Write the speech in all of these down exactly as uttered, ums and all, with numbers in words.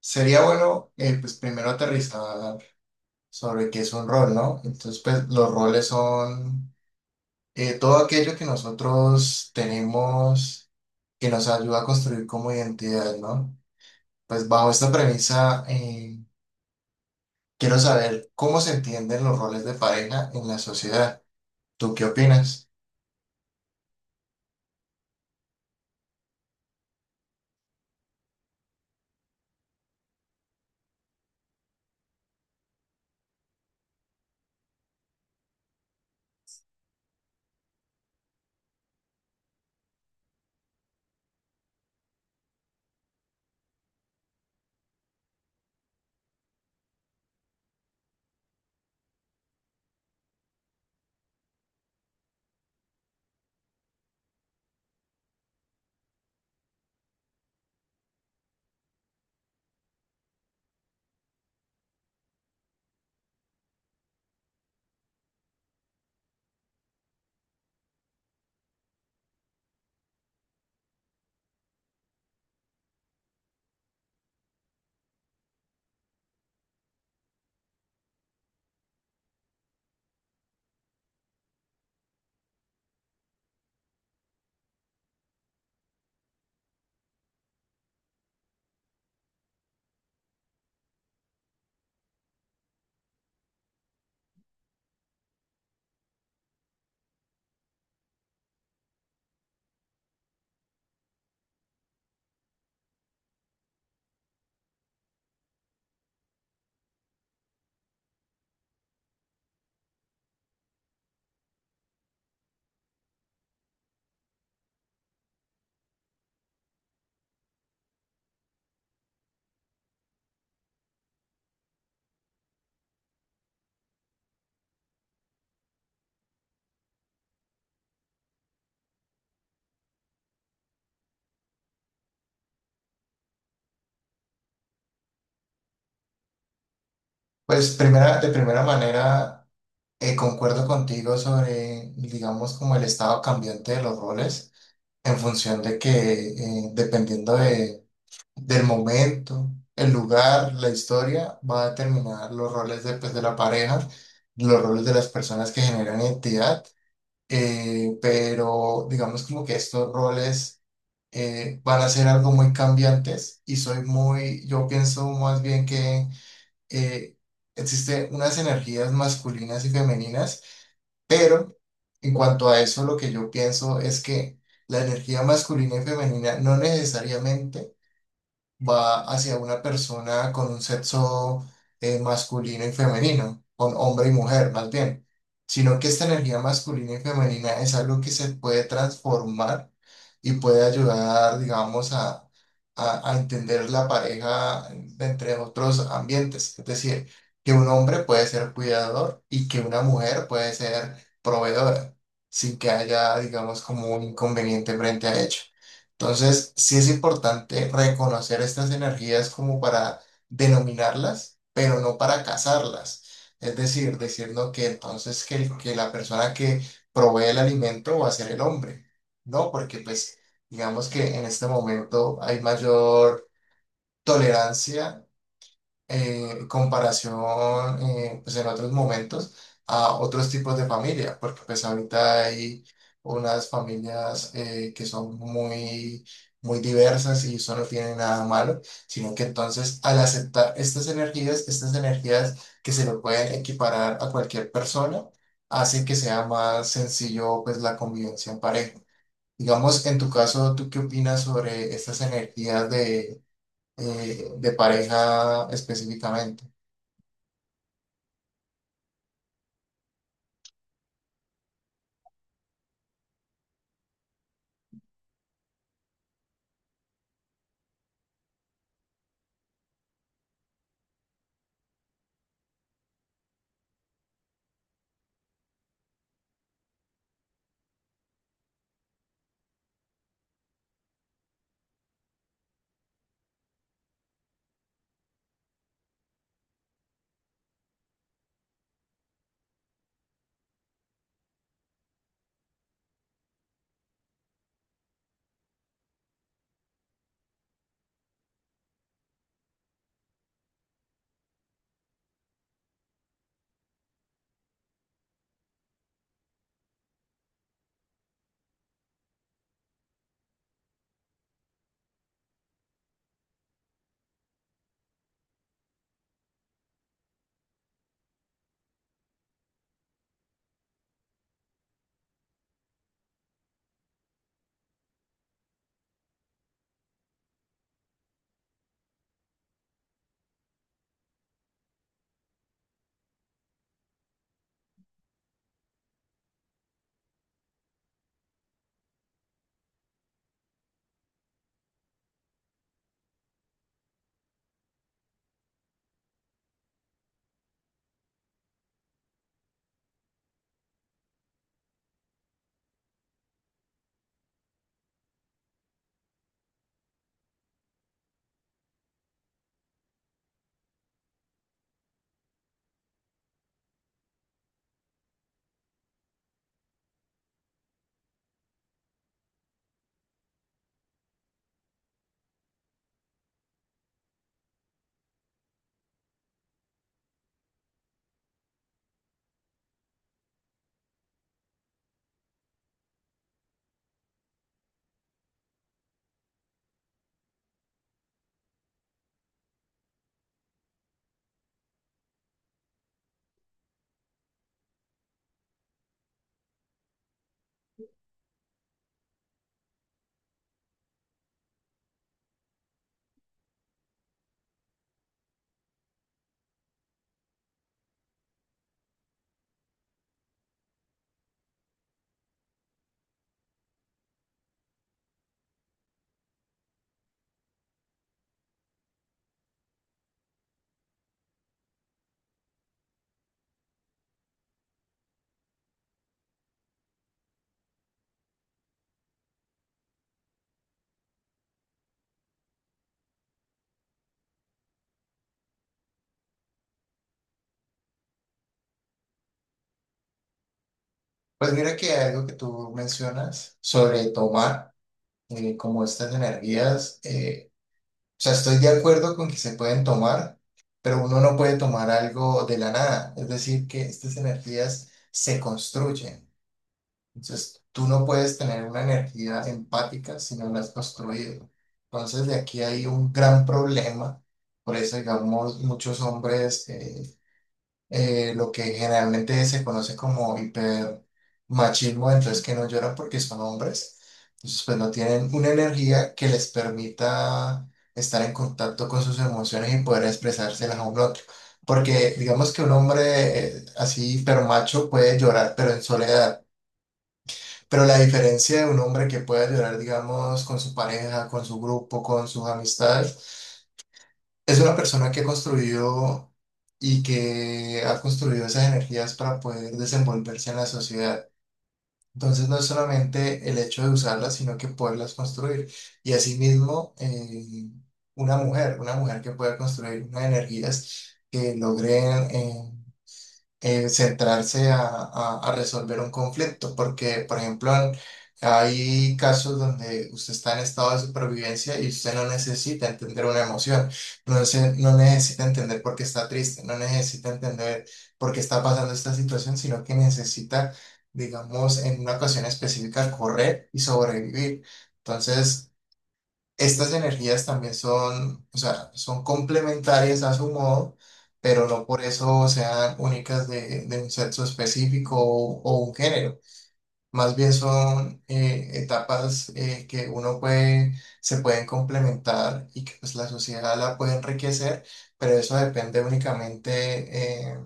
Sería bueno, eh, pues primero aterrizar sobre qué es un rol, ¿no? Entonces, pues los roles son eh, todo aquello que nosotros tenemos que nos ayuda a construir como identidad, ¿no? Pues bajo esta premisa, eh, quiero saber cómo se entienden los roles de pareja en la sociedad. ¿Tú qué opinas? Pues primera, de primera manera, eh, concuerdo contigo sobre, digamos, como el estado cambiante de los roles. En función de que, eh, dependiendo de, del momento, el lugar, la historia, va a determinar los roles de, pues, de la pareja, los roles de las personas que generan identidad, eh, pero digamos como que estos roles eh, van a ser algo muy cambiantes y soy muy, yo pienso más bien que eh, existen unas energías masculinas y femeninas, pero en cuanto a eso, lo que yo pienso es que la energía masculina y femenina no necesariamente va hacia una persona con un sexo eh, masculino y femenino, con hombre y mujer más bien, sino que esta energía masculina y femenina es algo que se puede transformar y puede ayudar, digamos, a, a, a entender la pareja de entre otros ambientes. Es decir, que un hombre puede ser cuidador y que una mujer puede ser proveedora, sin que haya, digamos, como un inconveniente frente a ello. Entonces, sí es importante reconocer estas energías como para denominarlas, pero no para cazarlas. Es decir, decirnos que entonces que, el- que la persona que provee el alimento va a ser el hombre, ¿no? Porque pues digamos que en este momento hay mayor tolerancia eh, comparación eh, pues en otros momentos a otros tipos de familia, porque pues ahorita hay unas familias eh, que son muy, muy diversas y eso no tiene nada malo, sino que entonces al aceptar estas energías, estas energías que se lo pueden equiparar a cualquier persona, hace que sea más sencillo pues la convivencia en pareja. Digamos, en tu caso, ¿tú qué opinas sobre estas energías de eh, de pareja específicamente? Pues mira que algo que tú mencionas sobre tomar eh, como estas energías, eh, o sea, estoy de acuerdo con que se pueden tomar, pero uno no puede tomar algo de la nada, es decir, que estas energías se construyen. Entonces, tú no puedes tener una energía empática si no la has construido. Entonces, de aquí hay un gran problema. Por eso, digamos, muchos hombres... eh, eh, lo que generalmente se conoce como hipermachismo, entonces que no lloran porque son hombres, entonces pues no tienen una energía que les permita estar en contacto con sus emociones y poder expresárselas a un otro. Porque digamos que un hombre eh, así hipermacho puede llorar, pero en soledad. Pero la diferencia de un hombre que pueda llorar, digamos, con su pareja, con su grupo, con sus amistades, es una persona que construyó y que ha construido esas energías para poder desenvolverse en la sociedad. Entonces no es solamente el hecho de usarlas, sino que poderlas construir. Y asimismo, eh, una mujer, una mujer que pueda construir unas energías que logren eh, eh, centrarse a, a- a resolver un conflicto, porque, por ejemplo, en- hay casos donde usted está en estado de supervivencia y usted no necesita entender una emoción, no, se- no necesita entender por qué está triste, no necesita entender por qué está pasando esta situación, sino que necesita, digamos, en una ocasión específica, correr y sobrevivir. Entonces, estas energías también son, o sea, son complementarias a su modo, pero no por eso sean únicas de, de un sexo específico o, o un género. Más bien son eh, etapas eh, que uno puede, se pueden complementar y que pues, la sociedad la puede enriquecer, pero eso depende únicamente eh,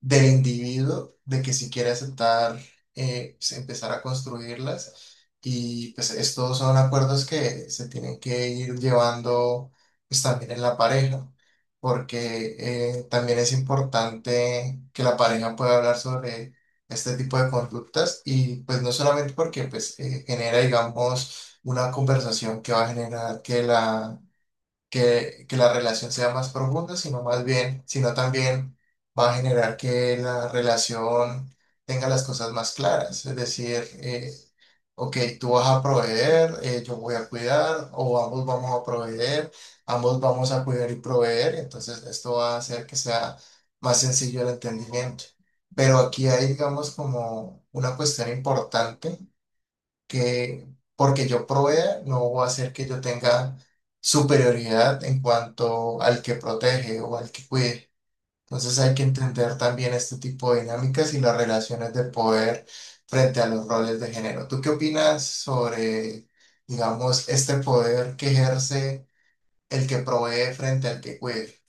del individuo, de que si quiere aceptar, eh, pues, empezar a construirlas. Y pues estos son acuerdos que se tienen que ir llevando pues también en la pareja, porque eh, también es importante que la pareja pueda hablar sobre este tipo de conductas y pues no solamente porque pues eh, genera, digamos, una conversación que va a generar que la que, que la relación sea más profunda, sino más bien, sino también va a generar que la relación tenga las cosas más claras, es decir, eh, ok, tú vas a proveer, eh, yo voy a cuidar, o ambos vamos a proveer, ambos vamos a cuidar y proveer, entonces esto va a hacer que sea más sencillo el entendimiento. Pero aquí hay, digamos, como una cuestión importante que porque yo provea no va a hacer que yo tenga superioridad en cuanto al que protege o al que cuide. Entonces hay que entender también este tipo de dinámicas y las relaciones de poder frente a los roles de género. ¿Tú qué opinas sobre, digamos, este poder que ejerce el que provee frente al que cuide?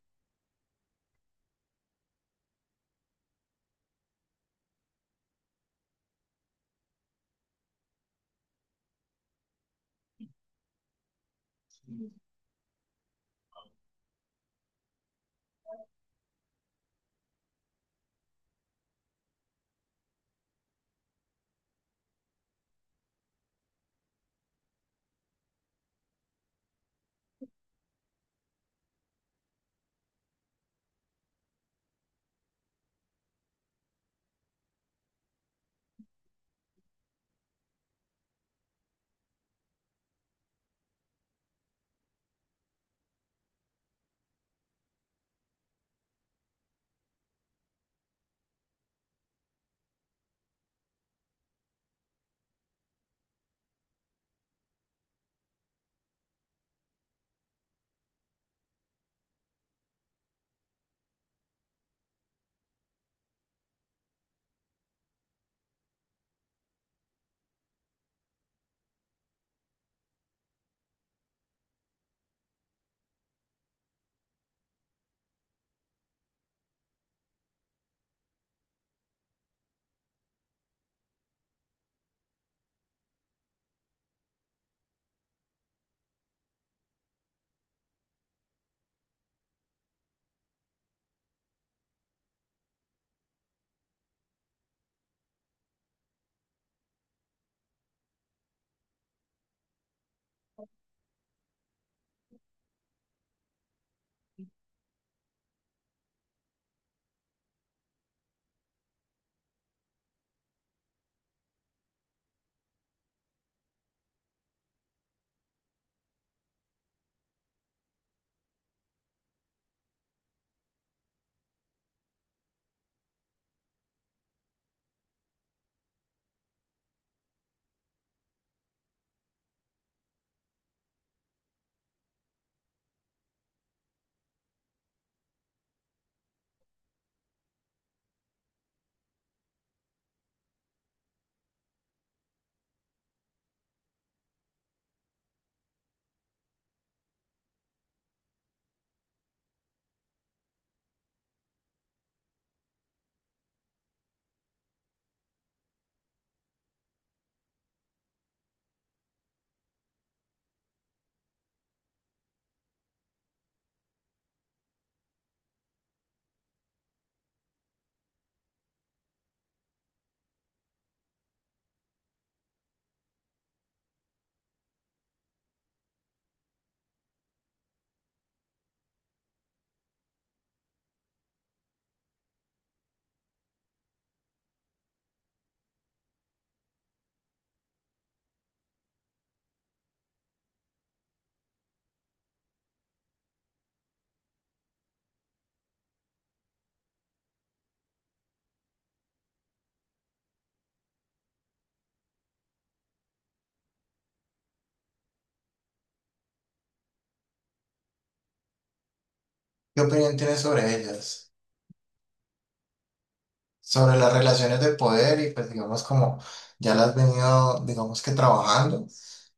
¿Qué opinión tienes sobre ellas? Sobre las relaciones de poder y pues digamos como ya las has venido, digamos que trabajando,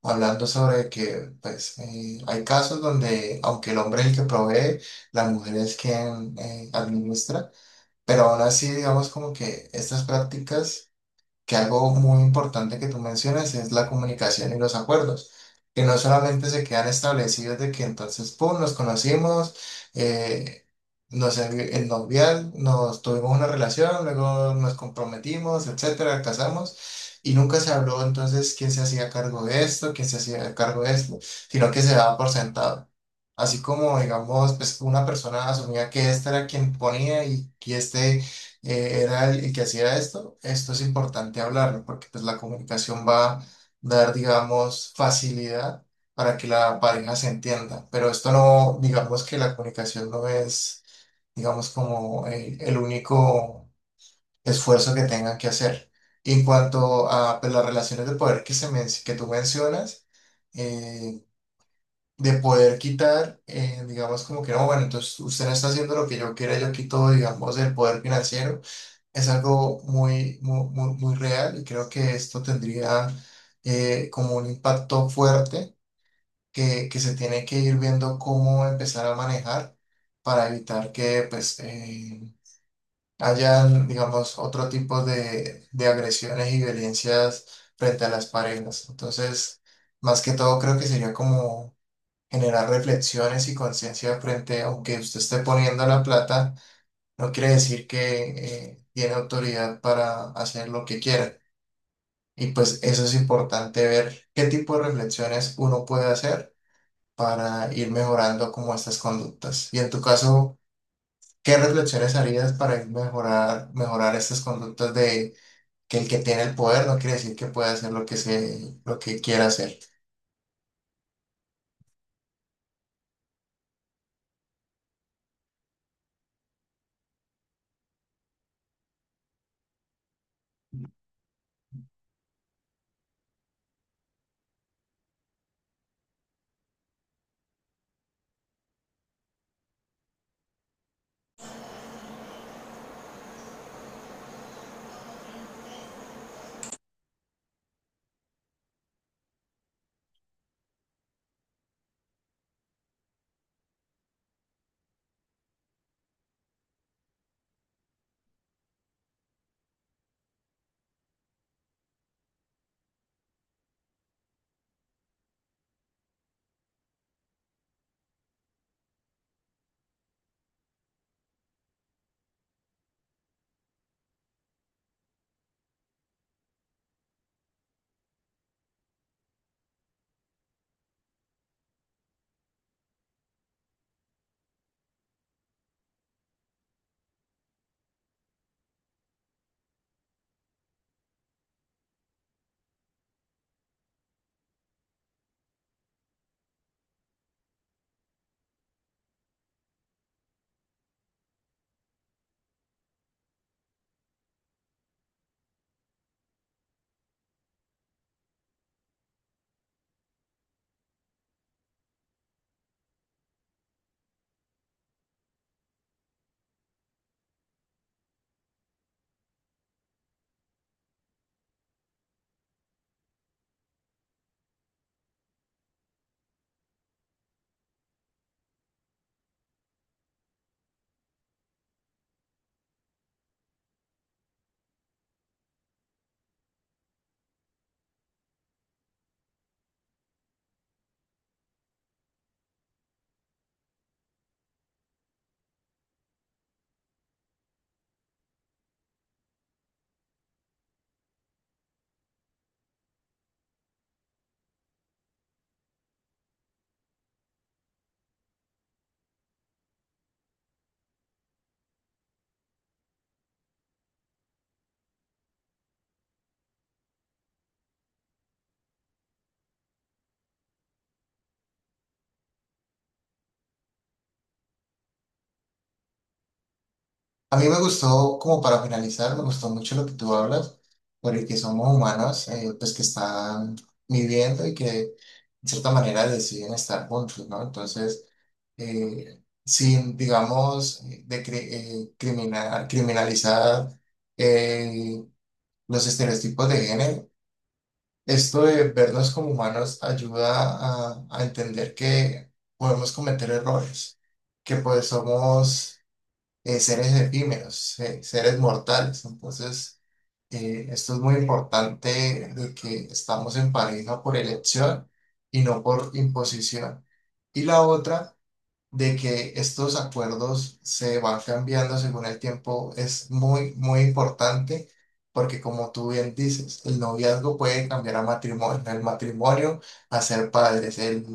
hablando sobre que pues eh, hay casos donde aunque el hombre es el que provee, la mujer es quien eh, administra, pero aún así digamos como que estas prácticas que algo muy importante que tú mencionas es la comunicación y los acuerdos, que no solamente se quedan establecidos de que entonces, pum, nos conocimos, eh, nos en- el novial, nos tuvimos una relación, luego nos comprometimos, etcétera, casamos. Y nunca se habló entonces quién se hacía cargo de esto, quién se hacía cargo de esto, sino que se daba por sentado. Así como, digamos, pues una persona asumía que este era quien ponía y que este eh, era el, el que hacía esto, esto es importante hablarlo porque pues la comunicación va a dar, digamos, facilidad para que la pareja se entienda, pero esto no, digamos que la comunicación no es, digamos, como el, el único esfuerzo que tengan que hacer. Y en cuanto a pues, las relaciones de poder que, se men- que tú mencionas, eh, de poder quitar, eh, digamos, como que no, bueno, entonces usted no está haciendo lo que yo quiera, yo quito, digamos, el poder financiero es algo muy, muy, muy, muy real y creo que esto tendría eh, como un impacto fuerte que, que se tiene que ir viendo cómo empezar a manejar para evitar que pues eh, hayan, digamos, otro tipo de, de agresiones y violencias frente a las parejas. Entonces, más que todo creo que sería como generar reflexiones y conciencia frente, aunque usted esté poniendo la plata no quiere decir que eh, tiene autoridad para hacer lo que quiera. Y pues eso es importante ver qué tipo de reflexiones uno puede hacer para ir mejorando como estas conductas. Y en tu caso, ¿qué reflexiones harías para ir mejorar, mejorar estas conductas de que el que tiene el poder no quiere decir que puede hacer lo que se, lo que quiera hacer? A mí me gustó, como para finalizar, me gustó mucho lo que tú hablas, por el que somos humanos, eh, pues que están viviendo y que de cierta manera deciden estar juntos, ¿no? Entonces, eh, sin, digamos, eh, de cri- eh, criminal, criminalizar eh, los estereotipos de género, esto de vernos como humanos ayuda a, a entender que podemos cometer errores, que pues somos eh, seres efímeros, eh, seres mortales. Entonces, eh, esto es muy importante de que estamos en pareja por elección y no por imposición. Y la otra de que estos acuerdos se van cambiando según el tiempo es muy, muy importante porque como tú bien dices, el noviazgo puede cambiar a matrimonio, el matrimonio a ser padres, el,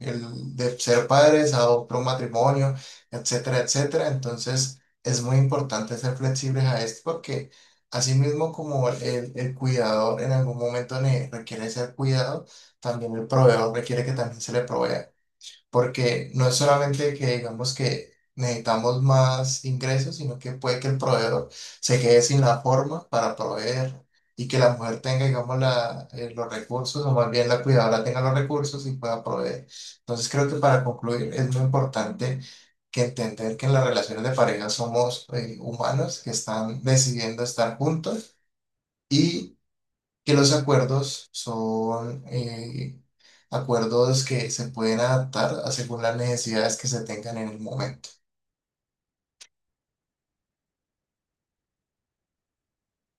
el de ser padres a otro matrimonio, etcétera, etcétera. Entonces es muy importante ser flexibles a esto porque así mismo como el, el cuidador en algún momento ne- requiere ser cuidado, también el proveedor requiere que también se le provea porque no es solamente que digamos que necesitamos más ingresos, sino que puede que el proveedor se quede sin la forma para proveer y que la mujer tenga, digamos, la, eh, los recursos, o más bien la cuidadora tenga los recursos y pueda proveer. Entonces creo que para concluir es muy importante que entender que en las relaciones de pareja somos eh, humanos que están decidiendo estar juntos. Y que los acuerdos son eh, acuerdos que se pueden adaptar a según las necesidades que se tengan en el momento.